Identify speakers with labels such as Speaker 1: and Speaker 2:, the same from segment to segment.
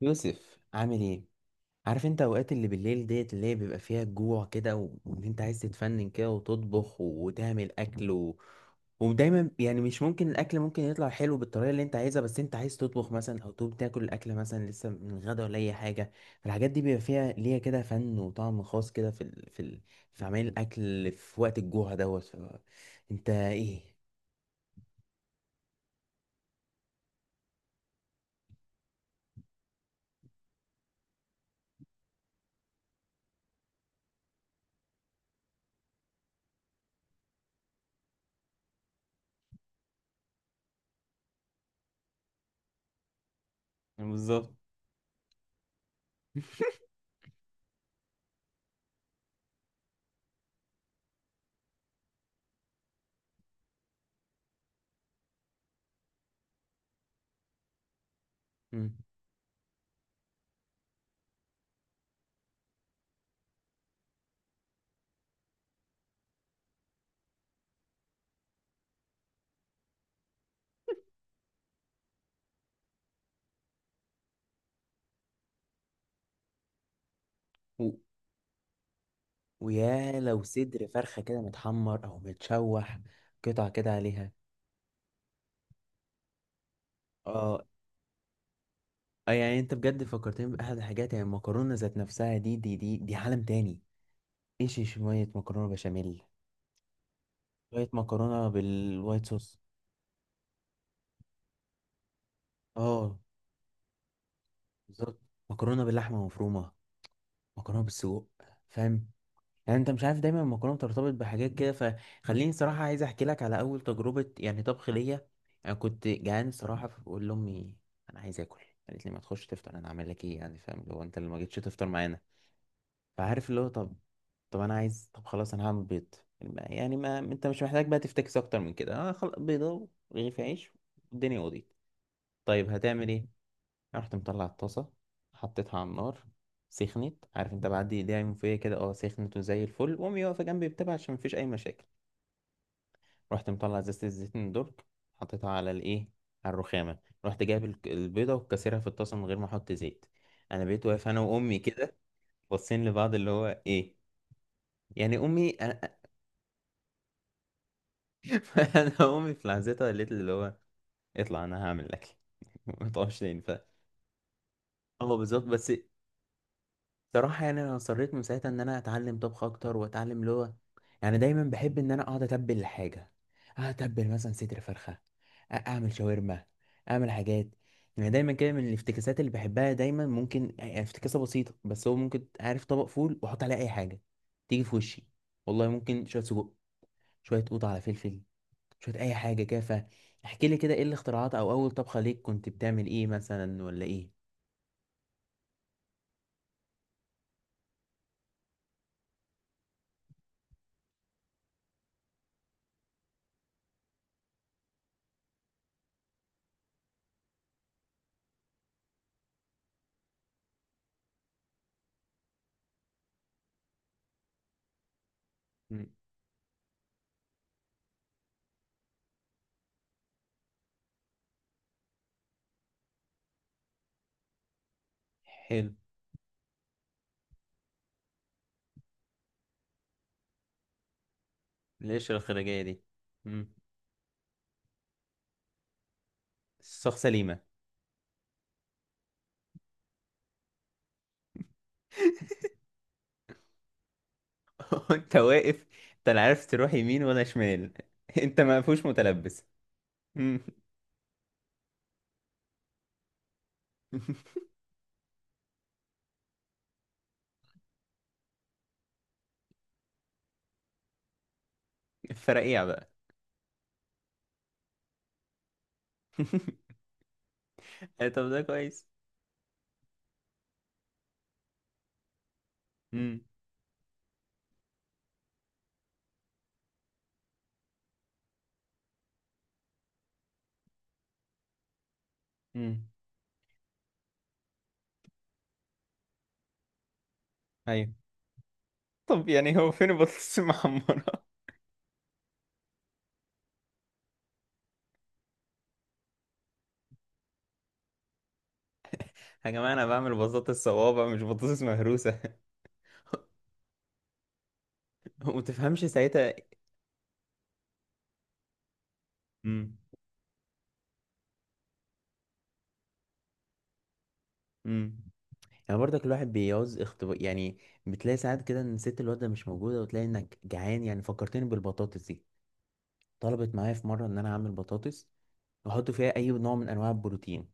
Speaker 1: يوسف، عامل ايه؟ عارف انت اوقات اللي بالليل ديت اللي هي بيبقى فيها الجوع كده وان انت عايز تتفنن كده وتطبخ وتعمل اكل ودايما يعني مش ممكن الاكل ممكن يطلع حلو بالطريقه اللي انت عايزها، بس انت عايز تطبخ مثلا او تقوم تاكل الاكل مثلا لسه من غدا ولا اي حاجه. فالحاجات دي بيبقى فيها ليها كده فن وطعم خاص كده، في في عمل الاكل في وقت الجوع دوت انت ايه؟ بالظبط. مم. ويا لو صدر فرخة كده متحمر أو متشوح، قطع كده عليها. اه، آه، يعني انت بجد فكرتني بأحد الحاجات، يعني المكرونة ذات نفسها دي عالم تاني. ايش، شوية مكرونة بشاميل، شوية مكرونة بالوايت صوص. اه، بالظبط. مكرونة باللحمة المفرومة، مكرونة بالسجق. فاهم؟ يعني انت مش عارف، دايما المكرونه بترتبط بحاجات كده. فخليني صراحه عايز احكي لك على اول تجربه يعني طبخ ليا. انا كنت جعان صراحه فبقول لامي: انا عايز اكل. قالت لي: ما تخش تفطر، انا عامل لك ايه؟ يعني فاهم اللي هو انت اللي ما جيتش تفطر معانا. فعارف اللي هو، طب طب انا عايز، طب خلاص انا هعمل بيض. يعني ما انت مش محتاج بقى تفتكس اكتر من كده، اه خلاص، بيضه ورغيف عيش، والدنيا قضيت. طيب هتعمل ايه؟ رحت مطلع الطاسة، حطيتها على النار، سخنت. عارف انت بعد ايديها يوم فيا كده، اه سخنت وزي الفل، وامي واقفة جنبي بتابع عشان مفيش اي مشاكل. رحت مطلع ازازة الزيتون درج، حطيتها على الايه، على الرخامة. رحت جايب البيضة وكسرها في الطاسة من غير ما احط زيت. انا بقيت واقف انا وامي كده، باصين لبعض اللي هو ايه، يعني امي انا. انا امي في لحظتها قالت لي اللي هو: اطلع، انا هعمل الاكل. ما تقفش تاني. ف اه بالظبط. بس صراحة يعني أنا اصريت من ساعتها إن أنا أتعلم طبخ أكتر وأتعلم لغة. يعني دايما بحب إن أنا أقعد أتبل الحاجة، أتبل مثلا صدر فرخة، أعمل شاورما، أعمل حاجات. يعني دايما كده من الافتكاسات اللي بحبها، دايما ممكن يعني افتكاسة بسيطة، بس هو ممكن، عارف، طبق فول وأحط عليه أي حاجة تيجي في وشي. والله ممكن شوية سجق، شوية قوطة على فلفل، شوية أي حاجة كده. فاحكي لي كده إيه الاختراعات أو أول طبخة ليك كنت بتعمل إيه مثلا، ولا إيه؟ مم. حلو. ليش الخرجية دي؟ مم. السوق سليمة. انت واقف، انت لا عارف تروح يمين ولا شمال. انت ما فيهوش متلبس. مم. فرقيع بقى. إيه طب ده كويس. مم. مم. ايوه. طب يعني هو فين البطاطس المحمرة؟ يا جماعة، انا بعمل بطاطس صوابع، مش بطاطس مهروسة. ومتفهمش ساعتها. مم. مم. يعني برضك الواحد بيعوز اختبار يعني. بتلاقي ساعات كده ان ست الواد ده مش موجودة، وتلاقي انك جعان. يعني فكرتني بالبطاطس دي، طلبت معايا في مرة ان انا اعمل بطاطس واحط فيها اي نوع من انواع البروتين.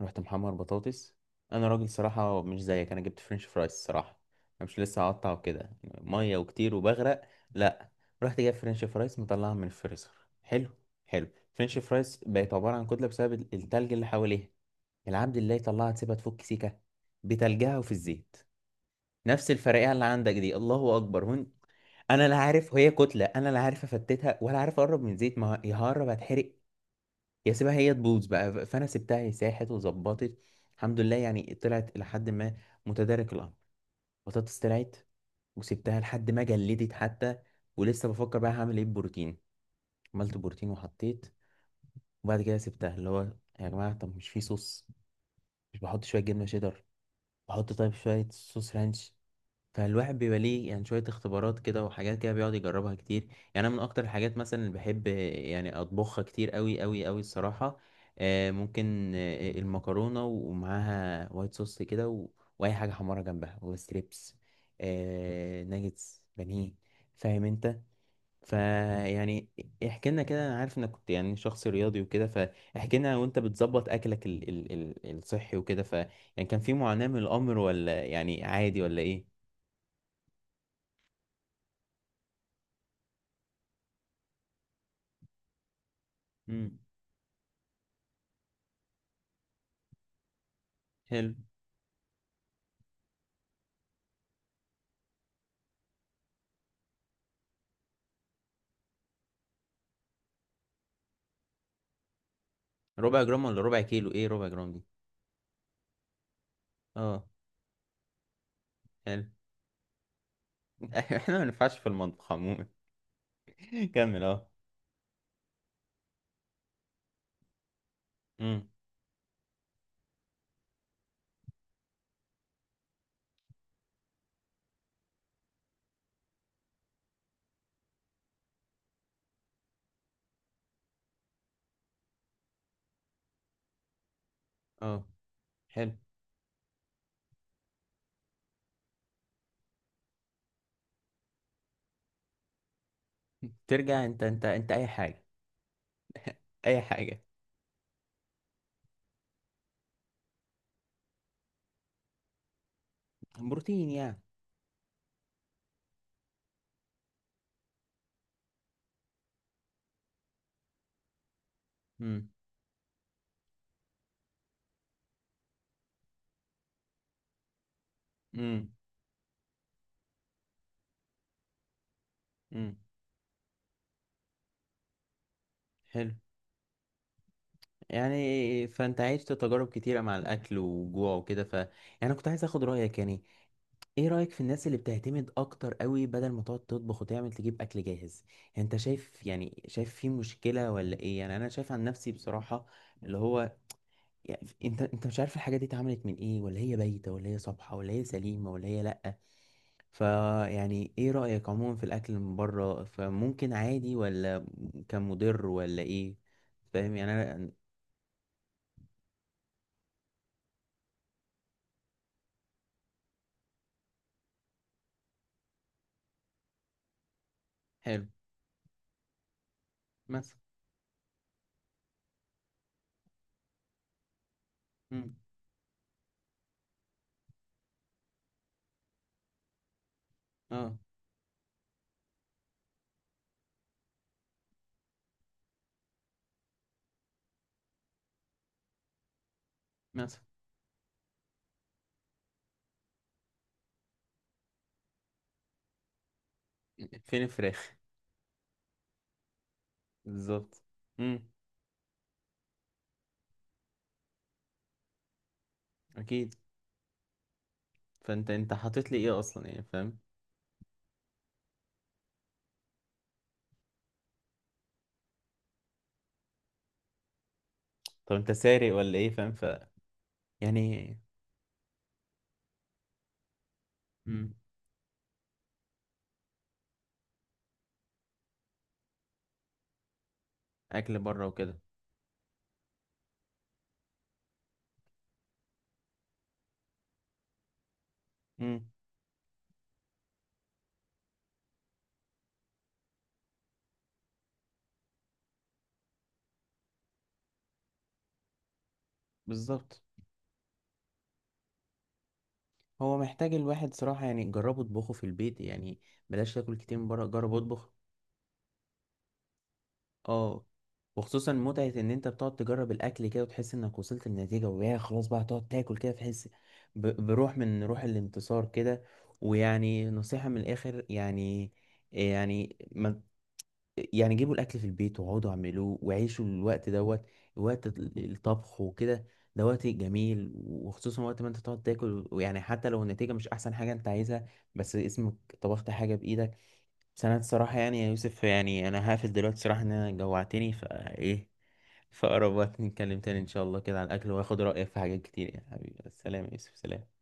Speaker 1: رحت محمر بطاطس. انا راجل صراحه مش زيك، انا جبت فرنش فرايز الصراحه. انا مش لسه هقطع وكده ميه وكتير وبغرق، لا. رحت جايب فرنش فرايز، مطلعها من الفريزر. حلو، حلو. فرنش فرايز بقت عباره عن كتله بسبب التلج اللي حواليها. العبد الله يطلعها تسيبها تفك سيكه، بتلجها وفي الزيت. نفس الفرقعه اللي عندك دي، الله اكبر هون. انا لا عارف هي كتله، انا لا عارف افتتها ولا عارف اقرب من زيت، ما هي هقرب هتحرق. يا سيبها هي تبوظ بقى، فانا سبتها، هي ساحت وظبطت. الحمد لله يعني، طلعت الى حد ما متدارك الامر. بطاطس طلعت، وسبتها لحد ما جلدت حتى. ولسه بفكر بقى هعمل ايه بروتين. عملت بروتين وحطيت. وبعد كده سبتها، اللي هو يا جماعه، طب مش في صوص؟ مش بحط شويه جبنه شيدر؟ بحط طيب شويه صوص رانش. فالواحد بيبقى ليه يعني شوية اختبارات كده وحاجات كده بيقعد يجربها كتير. يعني أنا من أكتر الحاجات مثلا اللي بحب يعني أطبخها كتير أوي أوي أوي الصراحة، ممكن المكرونة ومعاها وايت صوص كده وأي حاجة حمارة جنبها وستريبس، ناجتس بانيه. فاهم أنت؟ فيعني احكي لنا كده، أنا عارف إنك كنت يعني شخص رياضي وكده، فاحكي لنا وأنت بتظبط أكلك الصحي وكده. ف يعني كان في معاناة من الأمر ولا يعني عادي، ولا إيه؟ مم. حلو. ربع جرام ولا ربع كيلو؟ ايه ربع جرام دي؟ اه، حلو. احنا ما ينفعش في المطبخ عموما. كمل، اه. امم. اه، حلو. ترجع انت، اي حاجه، اي حاجه. بروتين يعني. امم. امم. امم. حلو. يعني فانت عشت تجارب كتيره مع الاكل وجوع وكده. ف يعني كنت عايز اخد رايك يعني. ايه رايك في الناس اللي بتعتمد اكتر قوي بدل ما تقعد تطبخ، وتعمل تجيب اكل جاهز؟ يعني انت شايف، يعني شايف في مشكله ولا ايه؟ يعني انا شايف عن نفسي بصراحه، اللي هو يعني انت انت مش عارف الحاجه دي اتعملت من ايه، ولا هي بايته، ولا هي صبحه، ولا هي سليمه، ولا هي لا. فيعني ايه رايك عموما في الاكل من بره؟ فممكن عادي، ولا كان مضر، ولا ايه؟ فاهم يعني انا. حلو. مثلا. مم. اه. مثلا. فين الفراخ؟ بالظبط. امم. اكيد. فانت، انت حاطط لي ايه اصلا؟ يعني فاهم. طب انت سارق ولا ايه؟ فاهم. ف يعني. امم. اكل بره وكده. امم. بالظبط. هو محتاج الواحد صراحة، يعني جربوا اطبخوا في البيت يعني. بلاش تاكل كتير من بره، جرب اطبخ. اه. وخصوصا متعة ان انت بتقعد تجرب الاكل كده، وتحس انك وصلت للنتيجة. ويا خلاص بقى تقعد تاكل كده، تحس بروح من روح الانتصار كده. ويعني نصيحة من الاخر يعني، يعني ما يعني جيبوا الاكل في البيت واقعدوا اعملوه وعيشوا الوقت دوت، وقت الطبخ وكده. ده وقت جميل، وخصوصا وقت ما انت تقعد تاكل. ويعني حتى لو النتيجه مش احسن حاجه انت عايزها، بس اسمك طبخت حاجه بايدك. بس انا الصراحه يعني يا يوسف، يعني انا هقفل دلوقتي صراحه ان انا جوعتني فايه. فأقرب وقت نتكلم تاني إن شاء الله كده على الأكل، وآخد رأيك في حاجات كتير. يا حبيبي السلام يا يوسف، سلام.